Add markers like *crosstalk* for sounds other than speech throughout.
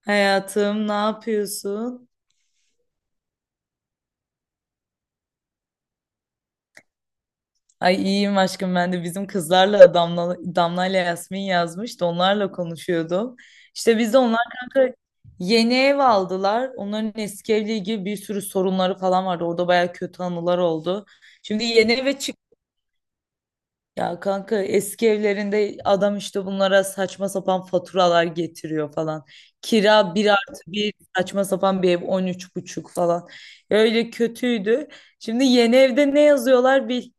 Hayatım, ne yapıyorsun? Ay iyiyim aşkım, ben de bizim kızlarla Damla ile Yasmin yazmış da onlarla konuşuyordum. İşte biz de onlar kanka yeni ev aldılar. Onların eski evle ilgili bir sürü sorunları falan vardı. Orada baya kötü anılar oldu. Şimdi yeni eve çık. Ya kanka eski evlerinde adam işte bunlara saçma sapan faturalar getiriyor falan. Kira bir artı bir saçma sapan bir ev 13,5 falan. Öyle kötüydü. Şimdi yeni evde ne yazıyorlar bil.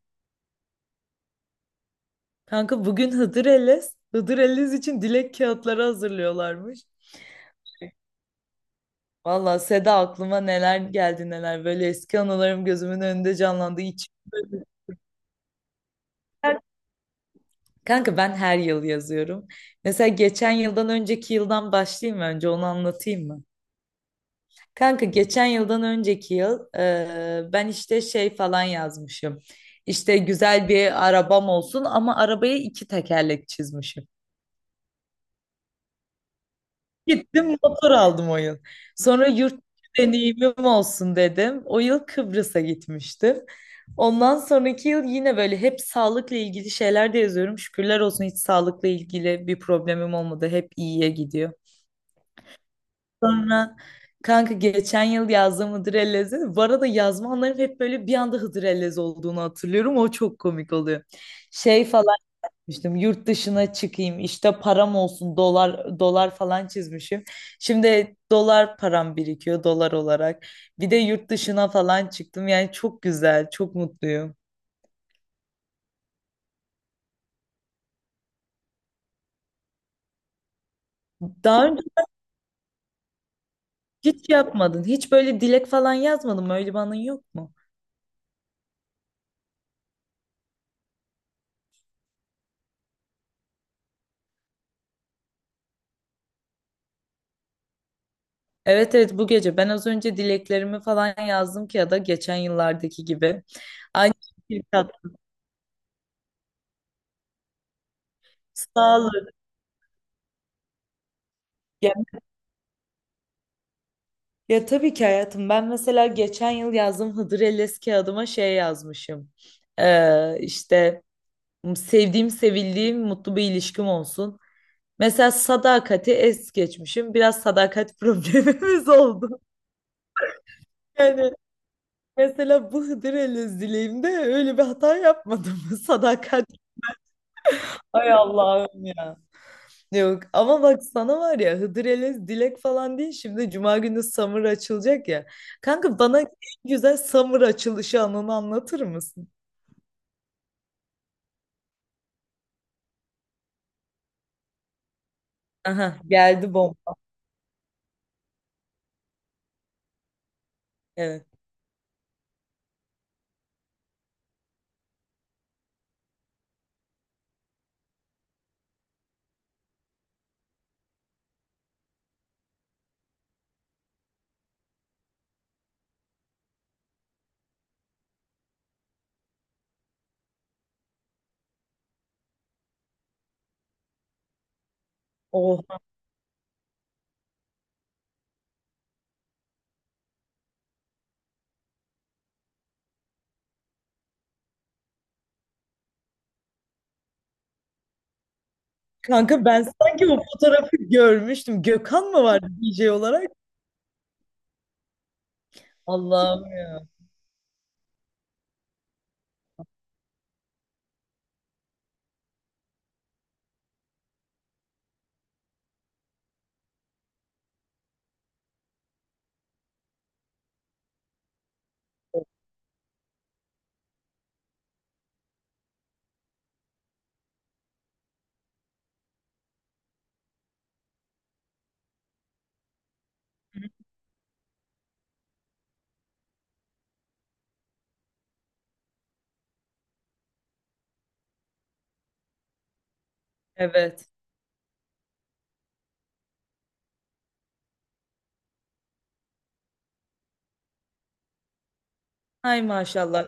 Kanka bugün Hıdır Ellez. Hıdır Ellez için dilek kağıtları hazırlıyorlarmış. Valla Seda, aklıma neler geldi neler. Böyle eski anılarım gözümün önünde canlandı. İçim böyle. Kanka ben her yıl yazıyorum. Mesela geçen yıldan önceki yıldan başlayayım mı, önce onu anlatayım mı? Kanka geçen yıldan önceki yıl ben işte şey falan yazmışım. İşte güzel bir arabam olsun ama arabaya iki tekerlek çizmişim. Gittim motor aldım o yıl. Sonra yurt dışı deneyimim olsun dedim. O yıl Kıbrıs'a gitmiştim. Ondan sonraki yıl yine böyle hep sağlıkla ilgili şeyler de yazıyorum. Şükürler olsun hiç sağlıkla ilgili bir problemim olmadı. Hep iyiye gidiyor. Sonra kanka geçen yıl yazdığım Hıdır Ellez'de bu arada yazma anlarım hep böyle bir anda Hıdır Ellez olduğunu hatırlıyorum. O çok komik oluyor. Şey falan demiştim, yurt dışına çıkayım işte, param olsun, dolar dolar falan çizmişim. Şimdi dolar param birikiyor, dolar olarak. Bir de yurt dışına falan çıktım, yani çok güzel, çok mutluyum. Daha önce hiç yapmadın, hiç böyle dilek falan yazmadın mı, öyle bir anın yok mu? Evet, evet, bu gece ben az önce dileklerimi falan yazdım ki, ya da geçen yıllardaki gibi. Aynı şekilde sağlık. Ya, ya, tabii ki hayatım, ben mesela geçen yıl yazdığım Hıdır Ellez kağıdıma şey yazmışım. İşte sevdiğim, sevildiğim, mutlu bir ilişkim olsun. Mesela sadakati es geçmişim. Biraz sadakat *laughs* problemimiz oldu. Yani mesela bu Hıdır Ellez dileğimde öyle bir hata yapmadım. *laughs* Sadakat. Ay Allah'ım ya. Yok ama bak, sana var ya, Hıdrellez dilek falan değil, şimdi Cuma günü Summer açılacak ya. Kanka bana en güzel Summer açılışı anını anlatır mısın? Aha geldi bomba. Evet. Oh, kanka, ben sanki o fotoğrafı görmüştüm. Gökhan mı vardı DJ olarak? Allah'ım ya. Evet. Hay maşallah.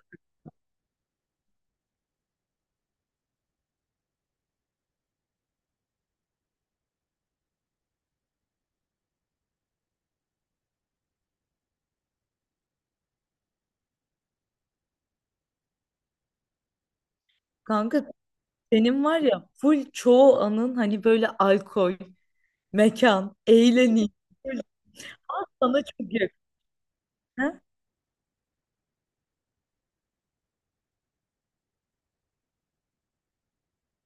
Kanka senin var ya, full çoğu anın hani böyle alkol, mekan, eğleniş. Full. Sana çok yakın. Ha?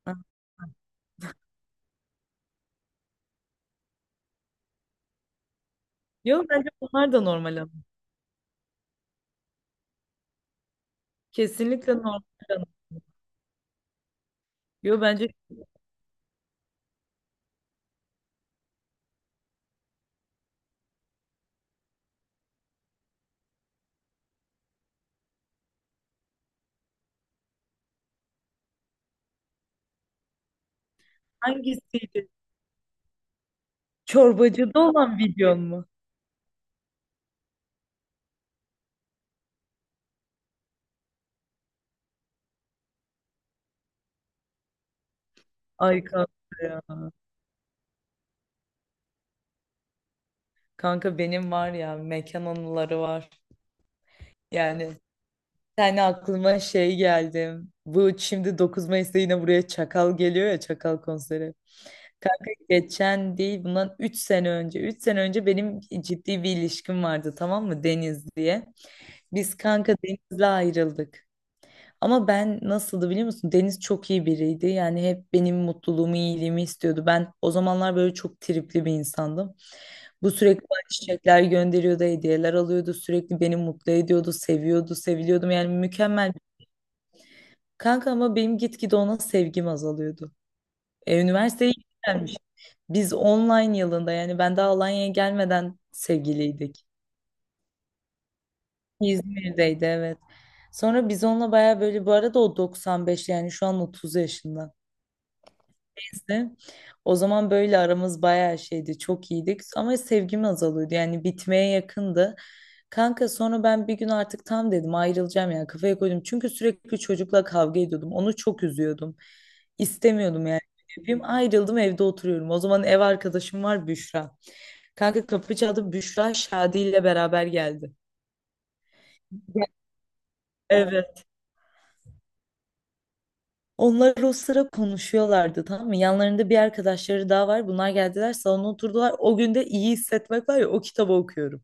Ha. Ha. Yok, bence bunlar da normal. Kesinlikle normal, canım. Yo, bence hangisiydi? Çorbacıda olan videon mu? Ay kanka ya. Kanka benim var ya, mekan anıları var. Yani yani aklıma şey geldi. Bu şimdi 9 Mayıs'ta yine buraya Çakal geliyor ya, Çakal konseri. Kanka geçen değil, bundan 3 sene önce. 3 sene önce benim ciddi bir ilişkim vardı, tamam mı, Deniz diye. Biz kanka Deniz'le ayrıldık. Ama ben nasıldı biliyor musun? Deniz çok iyi biriydi. Yani hep benim mutluluğumu, iyiliğimi istiyordu. Ben o zamanlar böyle çok tripli bir insandım. Bu sürekli bana çiçekler gönderiyordu, hediyeler alıyordu. Sürekli beni mutlu ediyordu, seviyordu, seviliyordum. Yani mükemmel. Kanka ama benim gitgide ona sevgim azalıyordu. Üniversiteye gelmiş. Biz online yılında, yani ben daha Alanya'ya gelmeden sevgiliydik. İzmir'deydi evet. Sonra biz onunla baya böyle, bu arada o 95, yani şu an 30 yaşında bize. O zaman böyle aramız bayağı şeydi, çok iyiydik, ama sevgim azalıyordu, yani bitmeye yakındı. Kanka sonra ben bir gün artık tam dedim ayrılacağım, yani kafaya koydum. Çünkü sürekli çocukla kavga ediyordum. Onu çok üzüyordum. İstemiyordum yani. Yapayım. Ayrıldım, evde oturuyorum. O zaman ev arkadaşım var, Büşra. Kanka kapı çaldı, Büşra Şadi ile beraber geldi. Evet. Onlar o sıra konuşuyorlardı tamam mı? Yanlarında bir arkadaşları daha var. Bunlar geldiler salona oturdular. O gün de iyi hissetmek var ya, o kitabı okuyorum.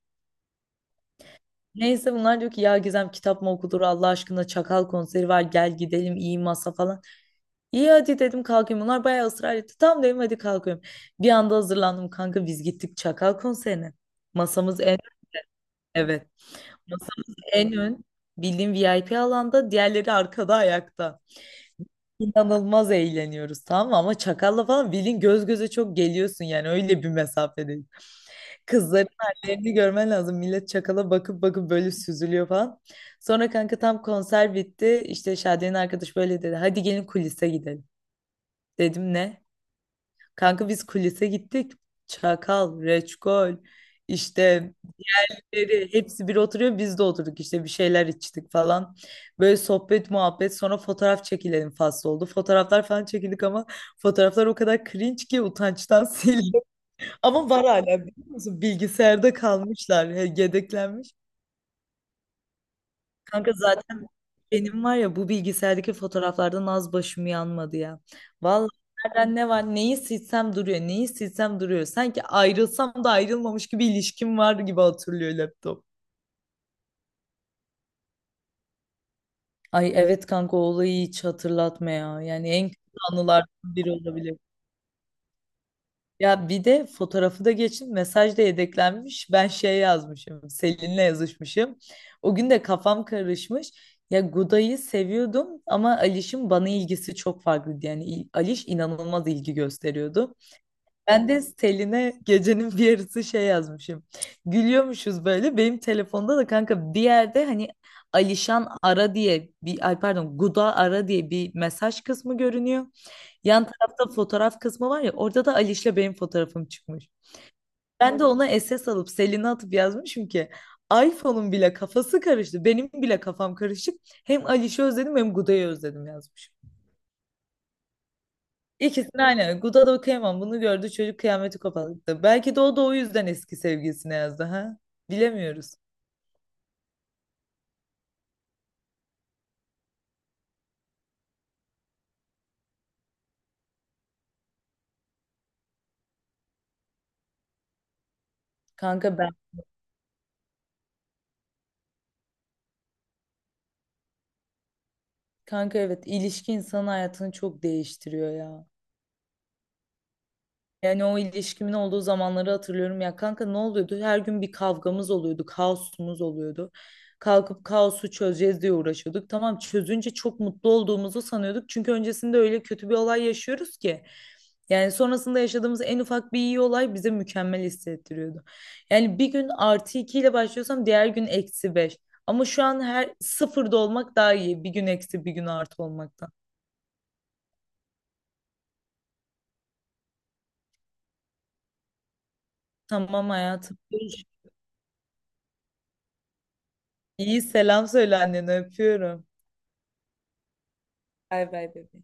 Neyse bunlar diyor ki, ya Gizem kitap mı okulur Allah aşkına, Çakal konseri var, gel gidelim, iyi masa falan. İyi, hadi dedim, kalkayım, bunlar bayağı ısrar etti. Tamam dedim, hadi kalkıyorum. Bir anda hazırlandım kanka, biz gittik Çakal konserine. Masamız en evet masamız en ön, bildiğim VIP alanda, diğerleri arkada ayakta. İnanılmaz eğleniyoruz tamam mı? Ama çakalla falan bilin göz göze çok geliyorsun, yani öyle bir mesafedeyiz. Kızların hallerini görmen lazım. Millet çakala bakıp bakıp böyle süzülüyor falan. Sonra kanka tam konser bitti. İşte Şadiye'nin arkadaş böyle dedi, hadi gelin kulise gidelim. Dedim ne? Kanka biz kulise gittik. Çakal, Reçkol, işte Beri, hepsi bir oturuyor, biz de oturduk, işte bir şeyler içtik falan. Böyle sohbet muhabbet, sonra fotoğraf çekilelim faslı oldu. Fotoğraflar falan çekildik ama fotoğraflar o kadar cringe ki utançtan *laughs* sildim. Ama var hala biliyor musun? Bilgisayarda kalmışlar, yedeklenmiş. Kanka zaten benim var ya, bu bilgisayardaki fotoğraflardan az başım yanmadı ya. Vallahi nereden ne var, neyi silsem duruyor, neyi silsem duruyor. Sanki ayrılsam da ayrılmamış gibi, ilişkim var gibi hatırlıyor laptop. Ay evet kanka, o olayı hiç hatırlatma ya. Yani en kötü anılardan biri olabilir. Ya bir de fotoğrafı da geçin, mesaj da yedeklenmiş. Ben şey yazmışım, Selin'le yazışmışım. O gün de kafam karışmış. Ya Guda'yı seviyordum ama Aliş'in bana ilgisi çok farklıydı. Yani Aliş inanılmaz ilgi gösteriyordu. Ben de Selin'e gecenin bir yarısı şey yazmışım. Gülüyormuşuz böyle. Benim telefonda da kanka bir yerde hani Alişan ara diye, bir ay pardon, Guda ara diye bir mesaj kısmı görünüyor. Yan tarafta fotoğraf kısmı var ya, orada da Aliş'le benim fotoğrafım çıkmış. Ben de ona SS alıp Selin'e atıp yazmışım ki, iPhone'un bile kafası karıştı, benim bile kafam karışık. Hem Aliş'i özledim hem Guda'yı özledim yazmışım. İkisini aynı. Guda da kıyamam. Bunu gördü çocuk, kıyameti koparttı. Belki de o da o yüzden eski sevgilisine yazdı ha. Bilemiyoruz. Kanka ben. Kanka evet, ilişki insanın hayatını çok değiştiriyor ya. Yani o ilişkimin olduğu zamanları hatırlıyorum ya kanka, ne oluyordu? Her gün bir kavgamız oluyordu, kaosumuz oluyordu. Kalkıp kaosu çözeceğiz diye uğraşıyorduk. Tamam, çözünce çok mutlu olduğumuzu sanıyorduk. Çünkü öncesinde öyle kötü bir olay yaşıyoruz ki. Yani sonrasında yaşadığımız en ufak bir iyi olay bize mükemmel hissettiriyordu. Yani bir gün artı iki ile başlıyorsam, diğer gün eksi beş. Ama şu an her sıfırda olmak daha iyi. Bir gün eksi, bir gün artı olmaktan. Tamam hayatım. İyi, selam söyle annene, öpüyorum. Bay bay bebeğim.